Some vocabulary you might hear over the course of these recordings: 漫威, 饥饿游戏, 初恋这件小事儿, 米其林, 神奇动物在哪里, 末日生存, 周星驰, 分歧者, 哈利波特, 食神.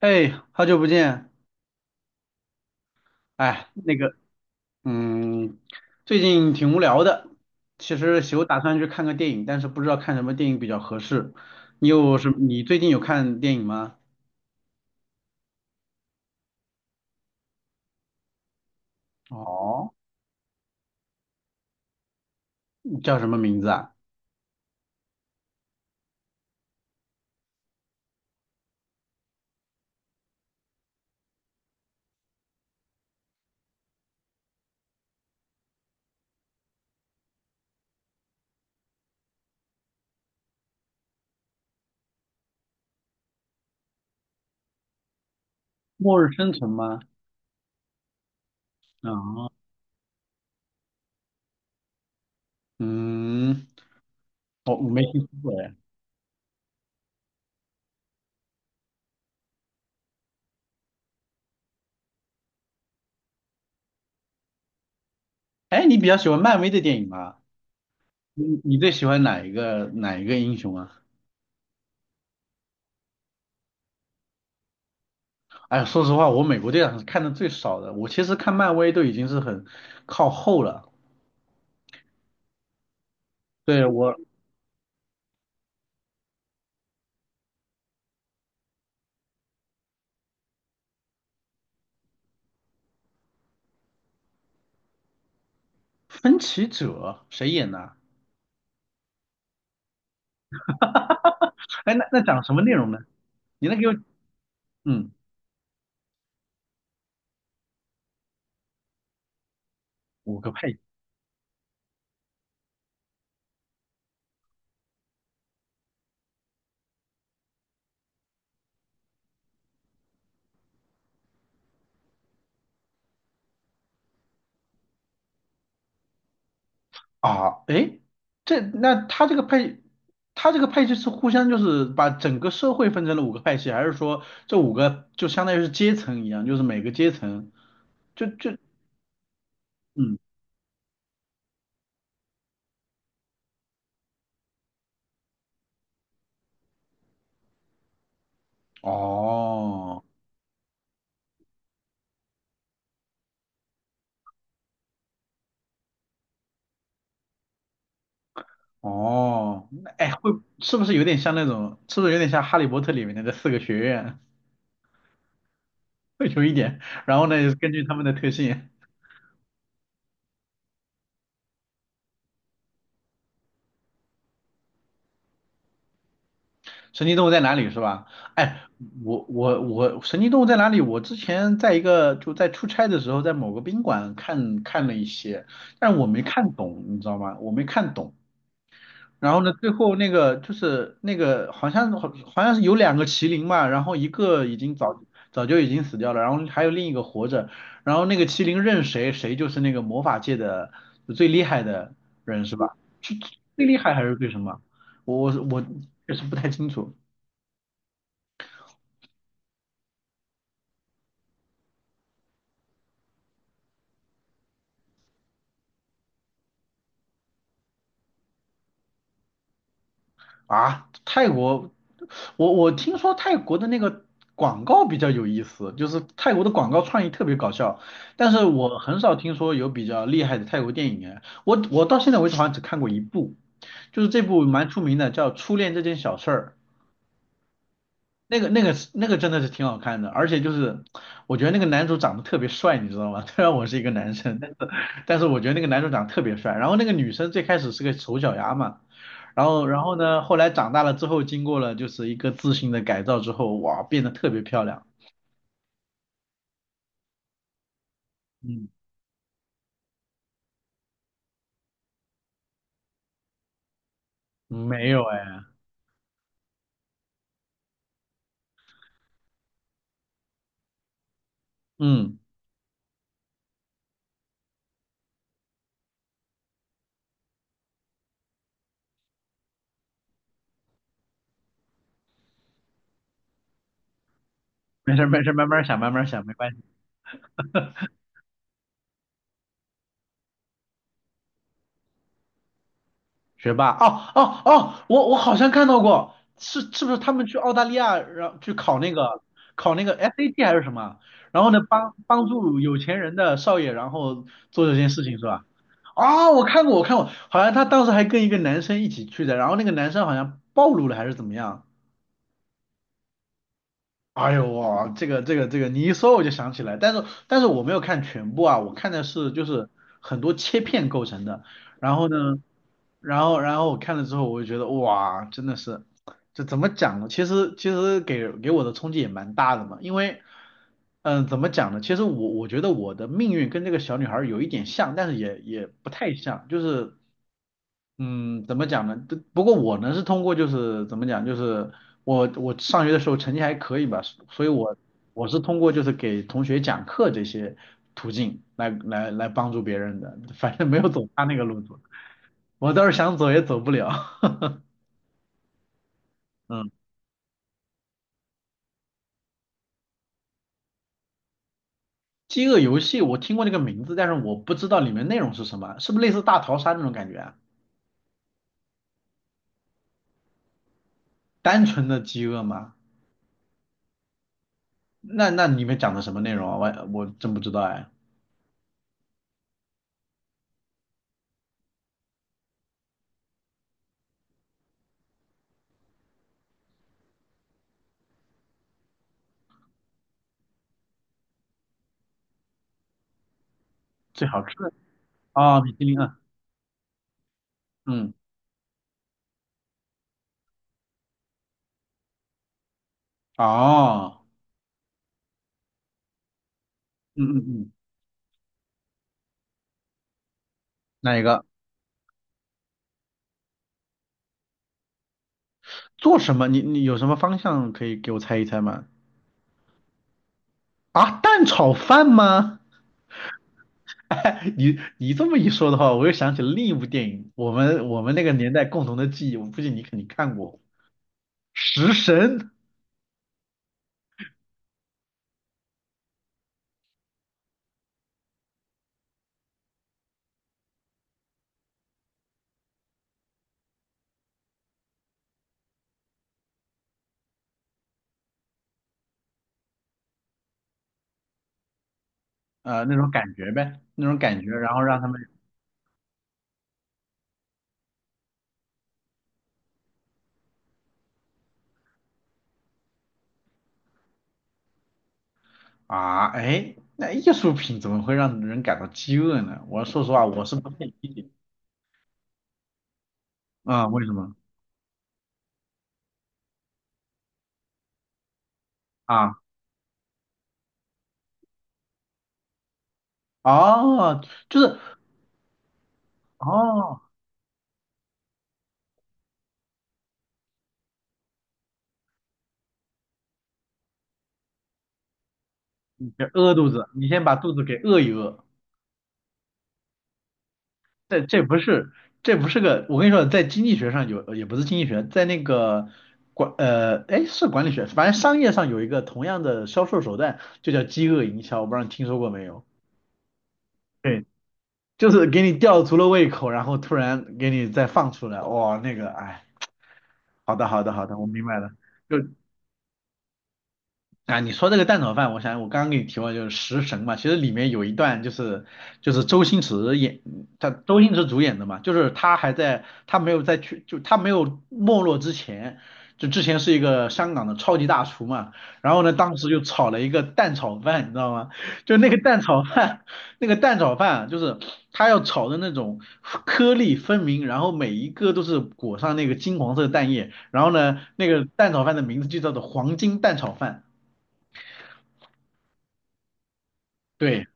哎，好久不见！哎，那个，嗯，最近挺无聊的。其实有打算去看个电影，但是不知道看什么电影比较合适。你有什么？你最近有看电影吗？哦，你叫什么名字啊？《末日生存》吗？啊、嗯，我没听说过哎。哎，你比较喜欢漫威的电影吗？你最喜欢哪一个英雄啊？哎呀说实话，我美国队长是看的最少的。我其实看漫威都已经是很靠后了。对，我。分歧者谁演的啊？哎，那那讲什么内容呢？你能给我嗯五个派啊？哎，这那他这个派，他这个派系是互相就是把整个社会分成了五个派系，还是说这五个就相当于是阶层一样，就是每个阶层就嗯哦哦，那哎会是不是有点像那种是不是有点像《哈利波特》里面的这四个学院？会有一点，然后呢，根据他们的特性。神奇动物在哪里是吧？哎，我，神奇动物在哪里？我之前在一个就在出差的时候，在某个宾馆看了一些，但我没看懂，你知道吗？我没看懂。然后呢，最后那个就是那个好像好像是有两个麒麟嘛，然后一个已经早就已经死掉了，然后还有另一个活着，然后那个麒麟认谁，谁就是那个魔法界的最厉害的人是吧？最厉害还是最什么？我确实不太清楚。啊，泰国，我听说泰国的那个广告比较有意思，就是泰国的广告创意特别搞笑，但是我很少听说有比较厉害的泰国电影哎，我到现在为止好像只看过一部，就是这部蛮出名的，叫《初恋这件小事儿》，那个是那个真的是挺好看的，而且就是我觉得那个男主长得特别帅，你知道吗？虽然我是一个男生，但是但是我觉得那个男主长得特别帅。然后那个女生最开始是个丑小鸭嘛，然后然后呢，后来长大了之后，经过了就是一个自信的改造之后，哇，变得特别漂亮。嗯，没有哎，嗯，没事儿没事儿，慢慢想慢慢想，没关系。学霸哦哦哦，我好像看到过，是是不是他们去澳大利亚，然后去考那个考那个 SAT 还是什么？然后呢，帮助有钱人的少爷，然后做这件事情是吧？哦，我看过，我看过，好像他当时还跟一个男生一起去的，然后那个男生好像暴露了还是怎么样？哎呦哇，这个，你一说我就想起来，但是但是我没有看全部啊，我看的是就是很多切片构成的，然后呢。然后然后我看了之后，我就觉得哇，真的是，这怎么讲呢？其实其实给我的冲击也蛮大的嘛，因为嗯、怎么讲呢？其实我觉得我的命运跟这个小女孩儿有一点像，但是也也不太像，就是嗯，怎么讲呢？不过我呢是通过就是怎么讲，就是我上学的时候成绩还可以吧，所以我我是通过就是给同学讲课这些途径来帮助别人的，反正没有走他那个路子。我倒是想走也走不了。嗯，饥饿游戏我听过这个名字，但是我不知道里面内容是什么，是不是类似大逃杀那种感觉啊？单纯的饥饿吗？那那里面讲的什么内容啊？我真不知道哎。最好吃的哦，米其林啊，嗯，哦，嗯嗯嗯，哪一个？做什么？你有什么方向可以给我猜一猜吗？啊，蛋炒饭吗？你这么一说的话，我又想起了另一部电影，我们那个年代共同的记忆，我估计你肯定看过。食神，那种感觉呗，那种感觉，然后让他们啊，哎，那艺术品怎么会让人感到饥饿呢？我说实话，我是不太理解。啊，为什么啊？哦，就是哦，你别饿肚子，你先把肚子给饿一饿。这不是这不是个，我跟你说，在经济学上有，也不是经济学，在那个管哎，是管理学，反正商业上有一个同样的销售手段，就叫饥饿营销，我不知道你听说过没有？对，就是给你吊足了胃口，然后突然给你再放出来，哇、那个，哎，好的，好的，好的，我明白了，就啊，你说这个蛋炒饭，我想我刚刚给你提过，就是《食神》嘛，其实里面有一段就是就是周星驰演，他周星驰主演的嘛，就是他还在他没有在去就他没有没落之前，就之前是一个香港的超级大厨嘛，然后呢，当时就炒了一个蛋炒饭，你知道吗？就那个蛋炒饭，那个蛋炒饭啊就是他要炒的那种颗粒分明，然后每一个都是裹上那个金黄色的蛋液，然后呢，那个蛋炒饭的名字就叫做黄金蛋炒饭。对，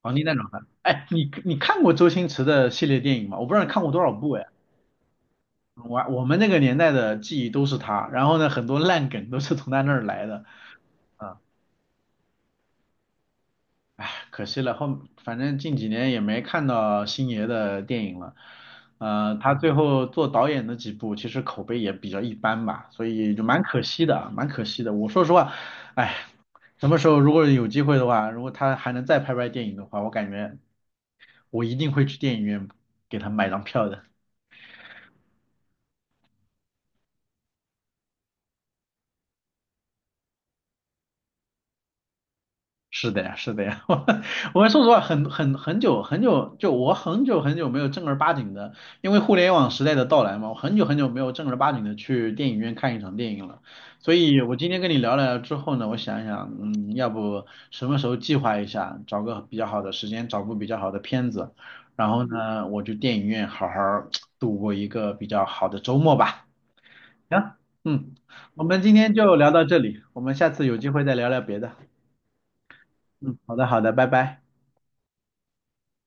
黄金蛋炒饭。哎，你看过周星驰的系列电影吗？我不知道你看过多少部哎。我我们那个年代的记忆都是他，然后呢，很多烂梗都是从他那儿来的啊。可惜了，后反正近几年也没看到星爷的电影了。他最后做导演的几部，其实口碑也比较一般吧，所以就蛮可惜的，蛮可惜的。我说实话，哎，什么时候如果有机会的话，如果他还能再拍电影的话，我感觉我一定会去电影院给他买张票的。是的呀，是的呀，我我说实话，很很久很久，就我很久很久没有正儿八经的，因为互联网时代的到来嘛，我很久很久没有正儿八经的去电影院看一场电影了。所以我今天跟你聊了之后呢，我想一想，嗯，要不什么时候计划一下，找个比较好的时间，找部比较好的片子，然后呢，我去电影院好好儿度过一个比较好的周末吧。行，嗯，我们今天就聊到这里，我们下次有机会再聊聊别的。嗯，好的，好的，拜拜。